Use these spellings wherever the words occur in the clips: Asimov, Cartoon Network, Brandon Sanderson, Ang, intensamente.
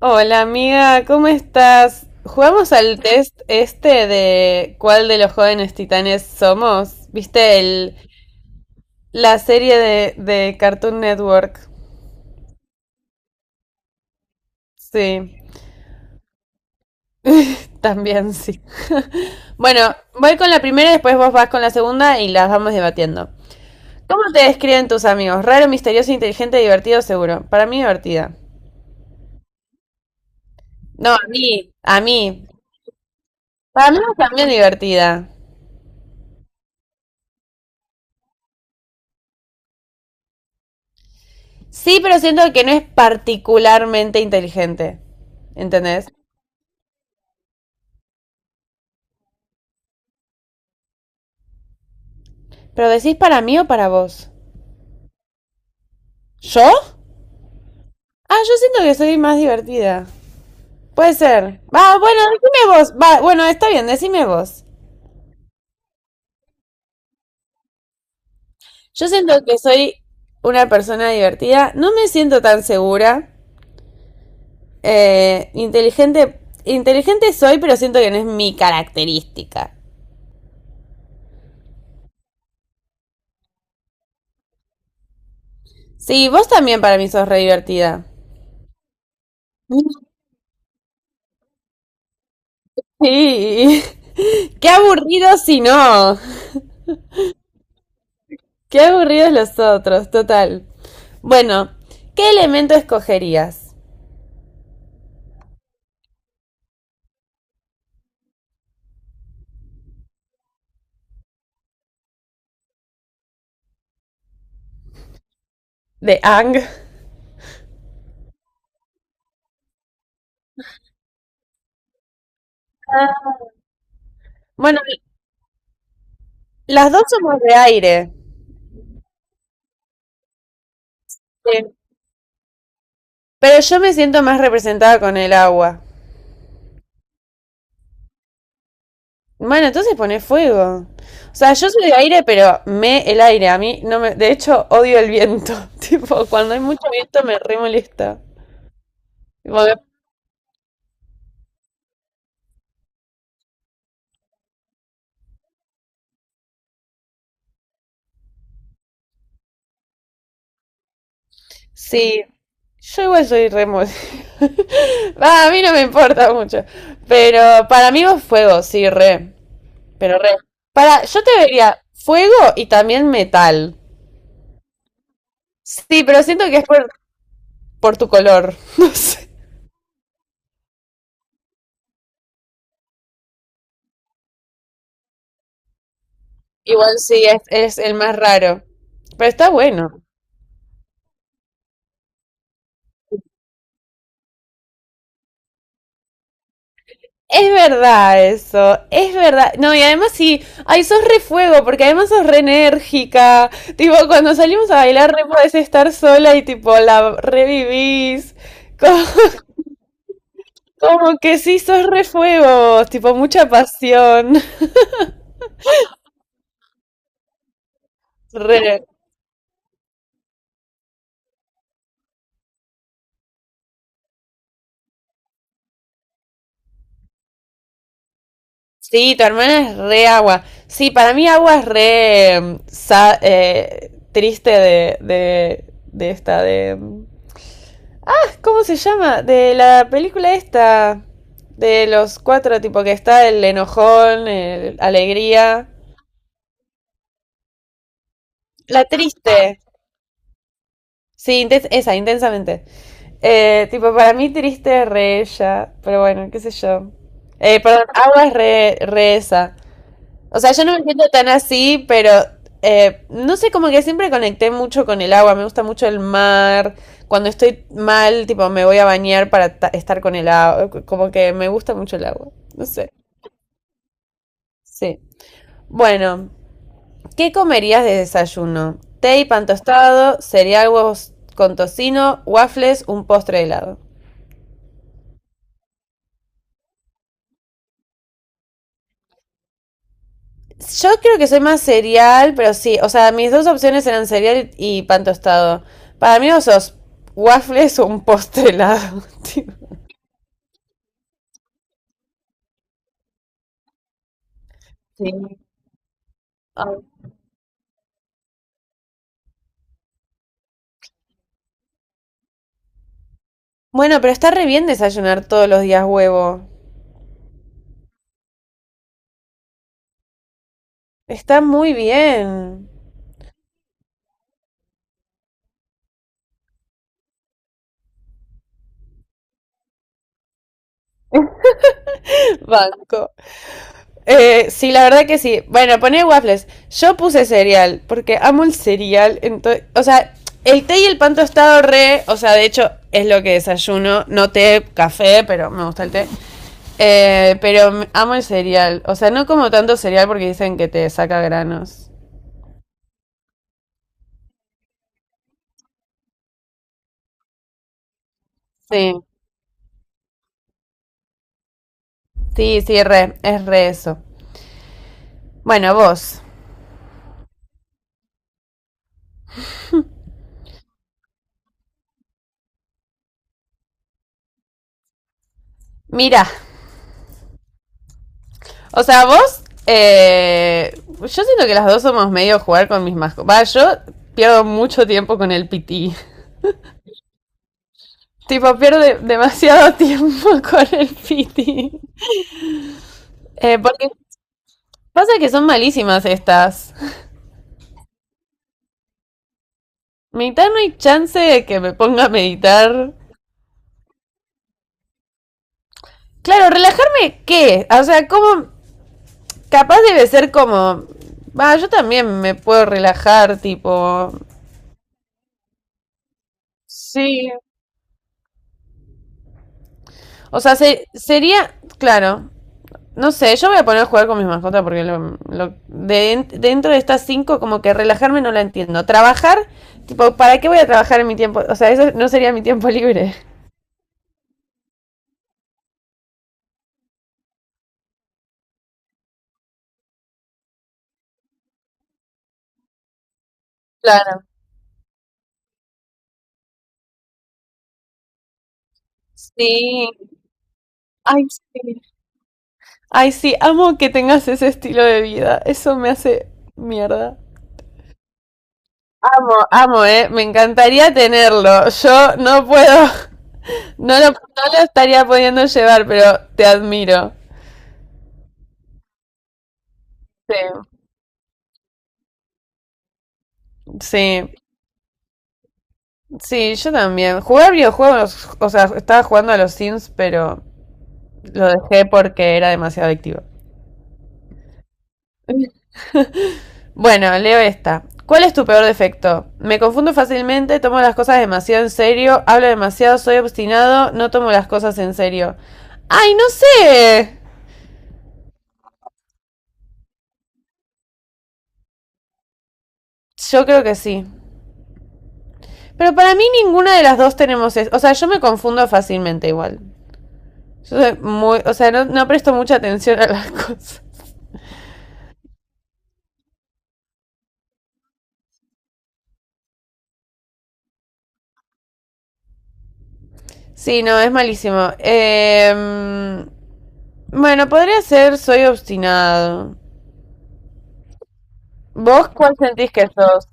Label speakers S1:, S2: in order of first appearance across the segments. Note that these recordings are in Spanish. S1: Hola amiga, ¿cómo estás? Jugamos al test este de cuál de los jóvenes titanes somos. ¿Viste la serie de Cartoon Network? Sí, también sí. Bueno, voy con la primera, después vos vas con la segunda y las vamos debatiendo. ¿Cómo te describen tus amigos? Raro, misterioso, inteligente, divertido, seguro. Para mí divertida. No, a mí, a mí. Para mí también divertida. Sí, pero siento que no es particularmente inteligente. ¿Entendés? ¿Pero decís para mí o para vos? ¿Yo? Ah, yo siento que soy más divertida. Puede ser. Va, bueno, decime vos. Va, bueno, está bien, decime vos. Yo siento que soy una persona divertida. No me siento tan segura. Inteligente. Inteligente soy, pero siento que no es mi característica. Sí, vos también para mí sos re divertida. Sí. Qué aburrido si no. Qué aburridos los otros, total. Bueno, ¿qué elemento escogerías? De Ang. Bueno, las dos somos de aire. Sí. Pero yo me siento más representada con el agua. Bueno, entonces pone fuego. O sea, yo soy de aire, pero me el aire. A mí no me. De hecho, odio el viento. Tipo, cuando hay mucho viento me re molesta. Tipo, me- Sí, yo igual soy re mol- Va, a mí no me importa mucho. Pero para mí vos fuego, sí, re. Pero re. Para, yo te vería fuego y también metal. Sí, pero siento que es por tu color. No sé. Igual sí, es el más raro. Pero está bueno. Es verdad eso, es verdad. No, y además sí, ay, sos re fuego, porque además sos re enérgica. Tipo, cuando salimos a bailar, re podés estar sola y tipo, la revivís. Co- Como, que sí, sos re fuego, tipo, mucha pasión. Re. Sí, tu hermana es re agua. Sí, para mí agua es re, triste de, de esta, de... ¿Cómo se llama? De la película esta, de los cuatro, tipo que está el enojón, el alegría, la triste. Sí, esa, intensamente. Tipo, para mí triste es re ella, pero bueno, qué sé yo. Perdón, agua es re esa. O sea, yo no me siento tan así, pero no sé, como que siempre conecté mucho con el agua. Me gusta mucho el mar. Cuando estoy mal, tipo, me voy a bañar para estar con el agua. Como que me gusta mucho el agua. No sé. Sí. Bueno, ¿qué comerías de desayuno? Té y pan tostado, cereal, huevos con tocino, waffles, un postre de helado. Yo creo que soy más cereal, pero sí. O sea, mis dos opciones eran cereal y pan tostado. Para mí, no sos waffles o un postre helado. tío. Sí. Ay. Bueno, pero está re bien desayunar todos los días huevo. Está muy bien. Banco. Sí, la verdad que sí. Bueno, pone waffles. Yo puse cereal, porque amo el cereal. Entonces, o sea, el té y el pan tostado re, o sea, de hecho es lo que desayuno. No té, café, pero me gusta el té. Pero amo el cereal. O sea, no como tanto cereal porque dicen que te saca granos. Sí, sí, sí, re, es re eso. Bueno, vos. Mira, o sea, yo siento que las dos somos medio jugar con mis mascotas. Va, yo pierdo mucho tiempo con el pití. Tipo, pierde demasiado tiempo con el piti. Porque pasa que son malísimas estas. Meditar no hay chance de que me ponga a meditar. Claro, relajarme, ¿qué? O sea, como... Capaz debe ser como... Va, yo también me puedo relajar, tipo... Sí. O sea, sería... Claro. No sé, yo voy a poner a jugar con mis mascotas porque dentro de estas cinco como que relajarme no la entiendo. Trabajar, tipo, ¿para qué voy a trabajar en mi tiempo? O sea, eso no sería mi tiempo libre. Claro. Sí. Ay, sí. Ay, sí, amo que tengas ese estilo de vida. Eso me hace mierda. Amo, amo. Me encantaría tenerlo. Yo no puedo, no lo estaría pudiendo llevar, pero te admiro. Sí. Sí. Sí, yo también. Jugar videojuegos, o sea, estaba jugando a los Sims, pero lo dejé porque era demasiado adictivo. Bueno, leo esta. ¿Cuál es tu peor defecto? Me confundo fácilmente, tomo las cosas demasiado en serio, hablo demasiado, soy obstinado, no tomo las cosas en serio. ¡Ay, no sé! Yo creo que sí. Pero para mí ninguna de las dos tenemos eso. O sea, yo me confundo fácilmente igual. Yo soy muy... O sea, no, no presto mucha atención a las cosas. Sí, no, es malísimo. Bueno, podría ser soy obstinado. ¿Vos cuál sentís que sos?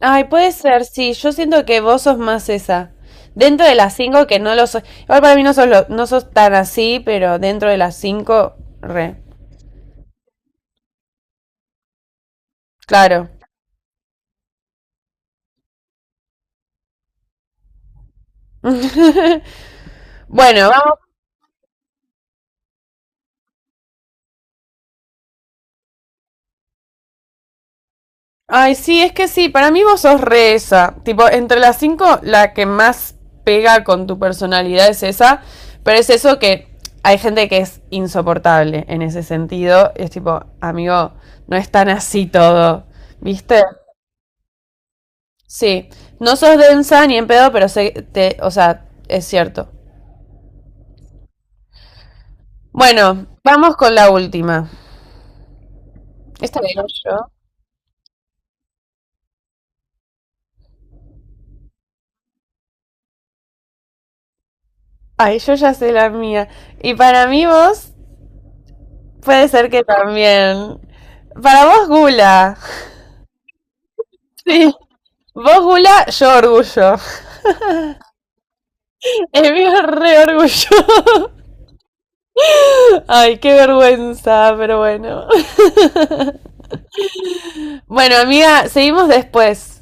S1: Ay, puede ser, sí. Yo siento que vos sos más esa. Dentro de las cinco que no lo sos. Igual para mí no sos, no sos tan así, pero dentro de las cinco, re. Claro. Bueno, vamos Ay, sí, es que sí, para mí vos sos re esa. Tipo, entre las cinco, la que más pega con tu personalidad es esa, pero es eso que hay gente que es insoportable en ese sentido. Es tipo, amigo, no es tan así todo, ¿viste? Sí, no sos densa ni en pedo, pero sé, te, o sea, es cierto. Bueno, vamos con la última. Esta la digo yo. Ay, yo ya sé la mía. Y para mí vos Puede ser que también. Para vos, Gula. Sí. Vos, Gula, yo orgullo. El mío es re orgullo. Ay, qué vergüenza, pero bueno. Bueno, amiga, seguimos después.